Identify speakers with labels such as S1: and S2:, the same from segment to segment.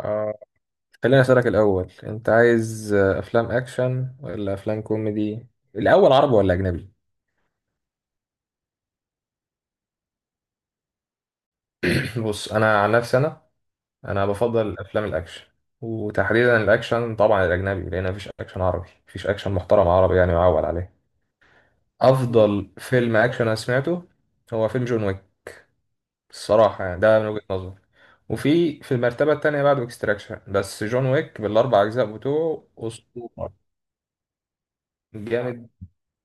S1: آه، خليني أسألك الأول أنت عايز أفلام أكشن ولا أفلام كوميدي؟ الأول عربي ولا أجنبي؟ بص أنا عن نفسي أنا بفضل أفلام الأكشن، وتحديدا الأكشن طبعا الأجنبي، لأن مفيش أكشن عربي، مفيش أكشن محترم عربي يعني معول عليه. أفضل فيلم أكشن أنا سمعته هو فيلم جون ويك، الصراحة يعني، ده من وجهة نظري. وفي المرتبة التانية بعد اكستراكشن، بس جون ويك بالأربع أجزاء بتوعه أسطورة. جامد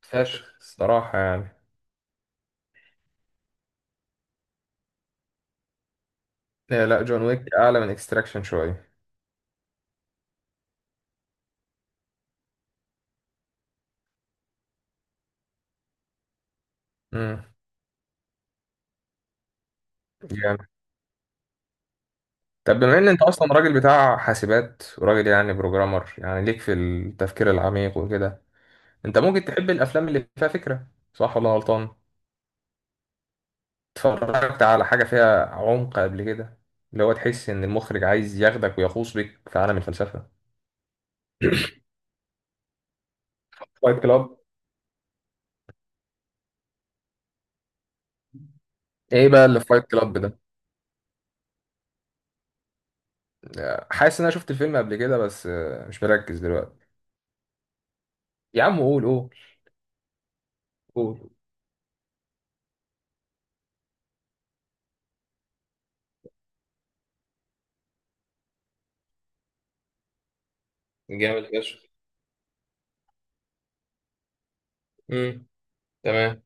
S1: فشخ الصراحة يعني. لا لا، جون ويك اعلى من اكستراكشن شويه. امم، جامد. طب بما ان انت اصلا راجل بتاع حاسبات وراجل يعني بروجرامر، يعني ليك في التفكير العميق وكده، انت ممكن تحب الافلام اللي فيها فكره، صح ولا غلطان؟ اتفرجت على حاجه فيها عمق قبل كده؟ اللي هو تحس ان المخرج عايز ياخدك ويغوص بك في عالم الفلسفه. فايت كلاب؟ ايه بقى اللي في فايت كلاب ده؟ حاسس ان انا شفت الفيلم قبل كده، بس مش مركز دلوقتي. يا عم قول، قول. قول. جامد فشخ. امم. تمام.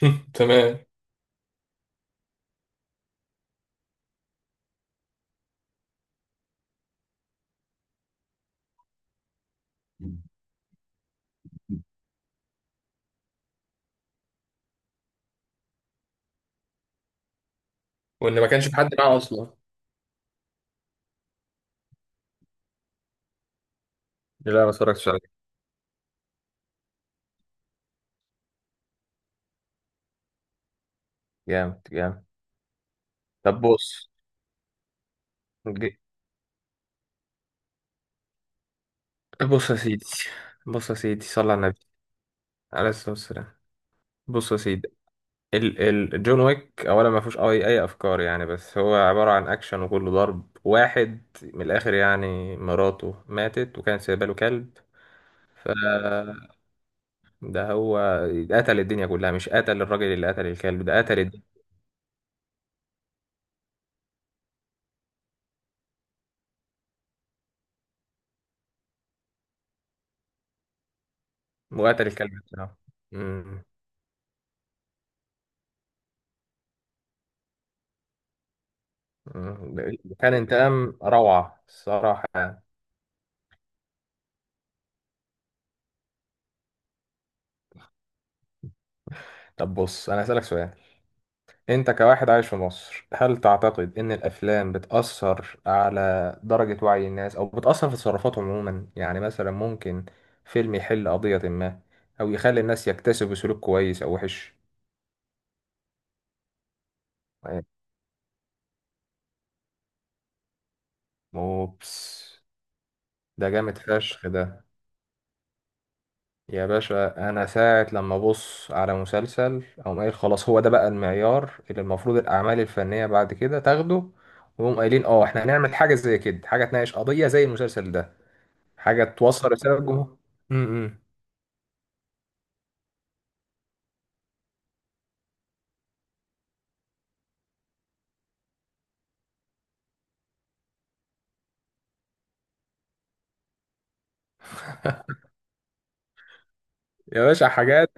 S1: تمام. وان ما كانش في حد معاه اصلا. لا، ما اتفرجتش عليه. جامد، جامد. طب بص. ج- بص يا سيدي. بص يا سيدي، صلى على النبي. عليه الصلاة والسلام. بص يا سيدي. ال ال جون ويك اولا ما فيهوش اي افكار يعني، بس هو عبارة عن اكشن وكله ضرب واحد من الاخر. يعني مراته ماتت وكانت سايبه له كلب، ف ده هو قتل الدنيا كلها. مش قتل الراجل اللي قتل الكلب، ده قتل الدنيا. وقتل الكلب بتاعه. أمم. أمم. كان انتقام روعة الصراحة يعني. طب بص، أنا هسألك سؤال. أنت كواحد عايش في مصر، هل تعتقد إن الأفلام بتأثر على درجة وعي الناس أو بتأثر في تصرفاتهم عموما؟ يعني مثلا ممكن فيلم يحل قضية ما، أو يخلي الناس يكتسبوا سلوك كويس أو وحش. أوبس، ده جامد فشخ ده. يا باشا أنا ساعة لما أبص على مسلسل أقوم قايل خلاص، هو ده بقى المعيار اللي المفروض الأعمال الفنية بعد كده تاخده. ويقوم قايلين اه احنا هنعمل حاجة زي كده، حاجة تناقش قضية زي المسلسل ده، حاجة توصل رسالة للجمهور. امم. يا باشا حاجات.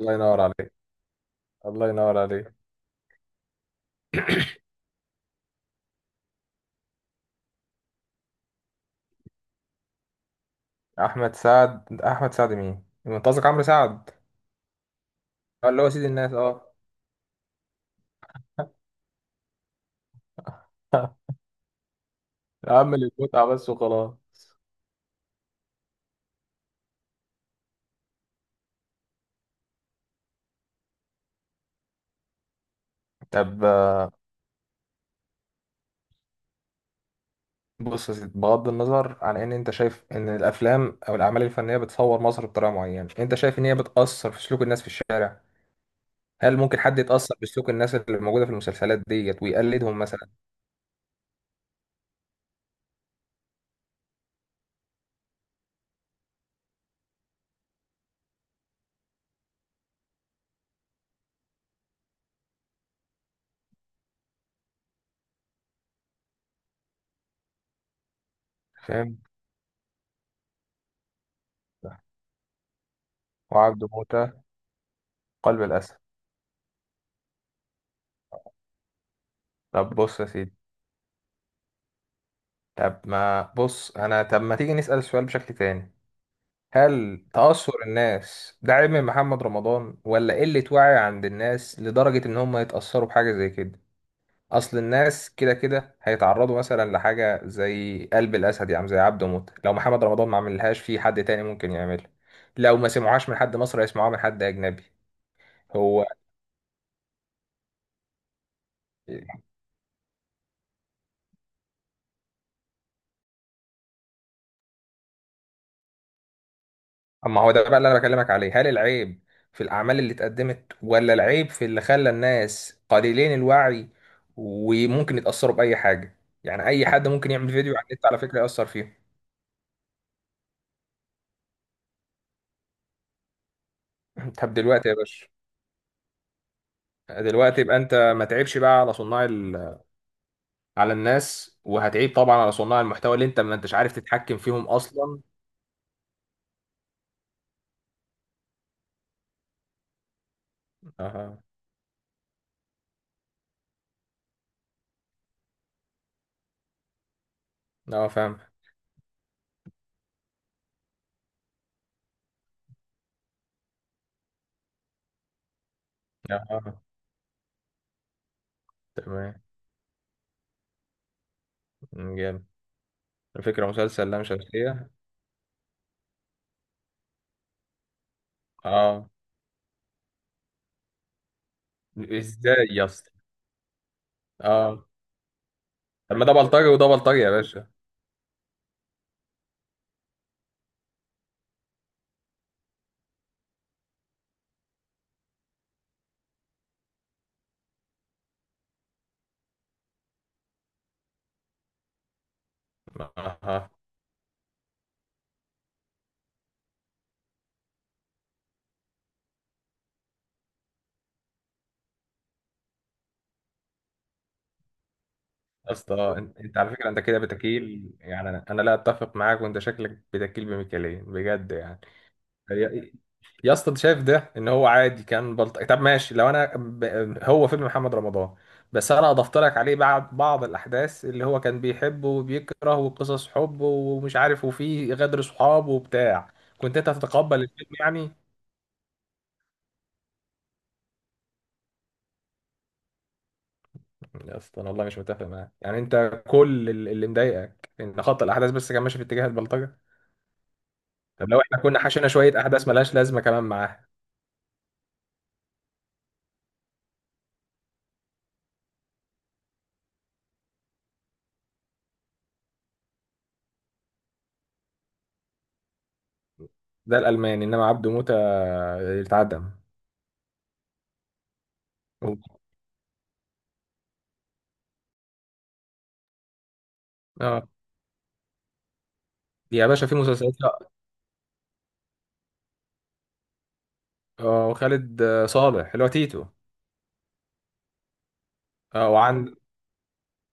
S1: الله ينور عليك. الله ينور عليك. أحمد سعد؟ أحمد سعد مين؟ أنت قصدك عمرو سعد. آه، اللي هو سيد الناس أه. أعمل المتعة بس وخلاص. طب بص يا سيدي، بغض النظر عن ان انت شايف ان الافلام او الاعمال الفنيه بتصور مصر بطريقه معينه، انت شايف ان هي بتاثر في سلوك الناس في الشارع؟ هل ممكن حد يتاثر بسلوك الناس اللي موجوده في المسلسلات ديت ويقلدهم مثلا؟ فاهم. وعبده موته. قلب الاسد. طب بص يا سيدي. طب ما بص انا، طب ما تيجي نسأل السؤال بشكل تاني. هل تأثر الناس ده عيب من محمد رمضان، ولا قلة وعي عند الناس لدرجة ان هم يتأثروا بحاجة زي كده؟ اصل الناس كده كده هيتعرضوا مثلا لحاجة زي قلب الاسد، يعني زي عبده موت. لو محمد رمضان ما عملهاش، في حد تاني ممكن يعملها. لو ما سمعوهاش من حد مصري هيسمعوها من حد اجنبي. هو اما هو ده بقى اللي انا بكلمك عليه، هل العيب في الاعمال اللي اتقدمت، ولا العيب في اللي خلى الناس قليلين الوعي وممكن يتاثروا باي حاجه؟ يعني اي حد ممكن يعمل فيديو على النت على فكره ياثر فيه. طب دلوقتي يا باشا، دلوقتي يبقى انت ما تعيبش بقى على صناع ال... على الناس، وهتعيب طبعا على صناع المحتوى اللي انت ما انتش عارف تتحكم فيهم اصلا. اها. اه فاهم. اها. تمام. جامد. الفكره مسلسل لام شمسيه. اه. ازاي يا اسطى؟ اه. طب ما ده بلطجي وده بلطجي يا باشا. اها. يا اسطى انت، أنت على فكره انت كده بتكيل، يعني انا، أنا لا اتفق معاك، وانت شكلك بتكيل بميكالين بجد يعني. يا، يا اسطى انت شايف ده ان هو عادي كان بلطجي؟ طب ماشي، لو انا ب... هو فيلم محمد رمضان، بس انا اضفت لك عليه بعض الاحداث اللي هو كان بيحبه وبيكره، وقصص حب ومش عارف، وفيه غدر صحاب وبتاع، كنت انت هتتقبل الفيلم يعني. يا اسطى انا والله مش متفق معاك يعني. انت كل ال- اللي مضايقك ان خط الاحداث بس كان ماشي في اتجاه البلطجه. طب لو احنا كنا حشينا شويه احداث ملهاش لازمه كمان معاه؟ ده الالماني، انما عبده موته اتعدم. اه يا باشا في مسلسلات، لا. اه وخالد، صالح اللي هو تيتو. اه وعند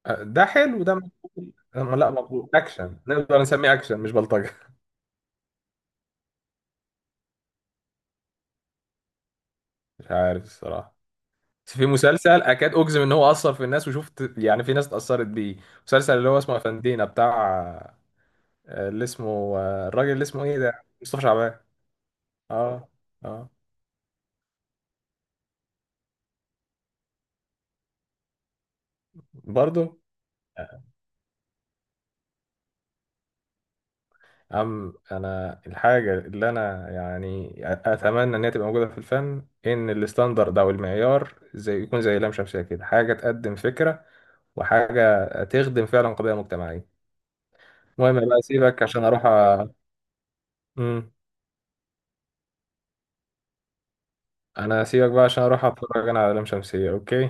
S1: آه، ده حلو ده مقبول. آه، لا مقبول، اكشن نقدر نسميه، اكشن مش بلطجه. مش عارف الصراحه. بس في مسلسل اكاد اجزم ان هو اثر في الناس، وشفت يعني في ناس اتاثرت بيه. مسلسل اللي هو اسمه افندينا بتاع، اللي اسمه الراجل اللي اسمه ايه ده، مصطفى شعبان. اه. اه. برضه. أم، أنا الحاجة اللي أنا يعني أتمنى إن هي تبقى موجودة في الفن، إن الستاندرد أو المعيار زي يكون زي لام شمسية كده، حاجة تقدم فكرة وحاجة تخدم فعلا قضية مجتمعية. المهم بقى أسيبك عشان أروح أ... مم. أنا أسيبك بقى عشان أروح أتفرج أنا على لام شمسية، أوكي.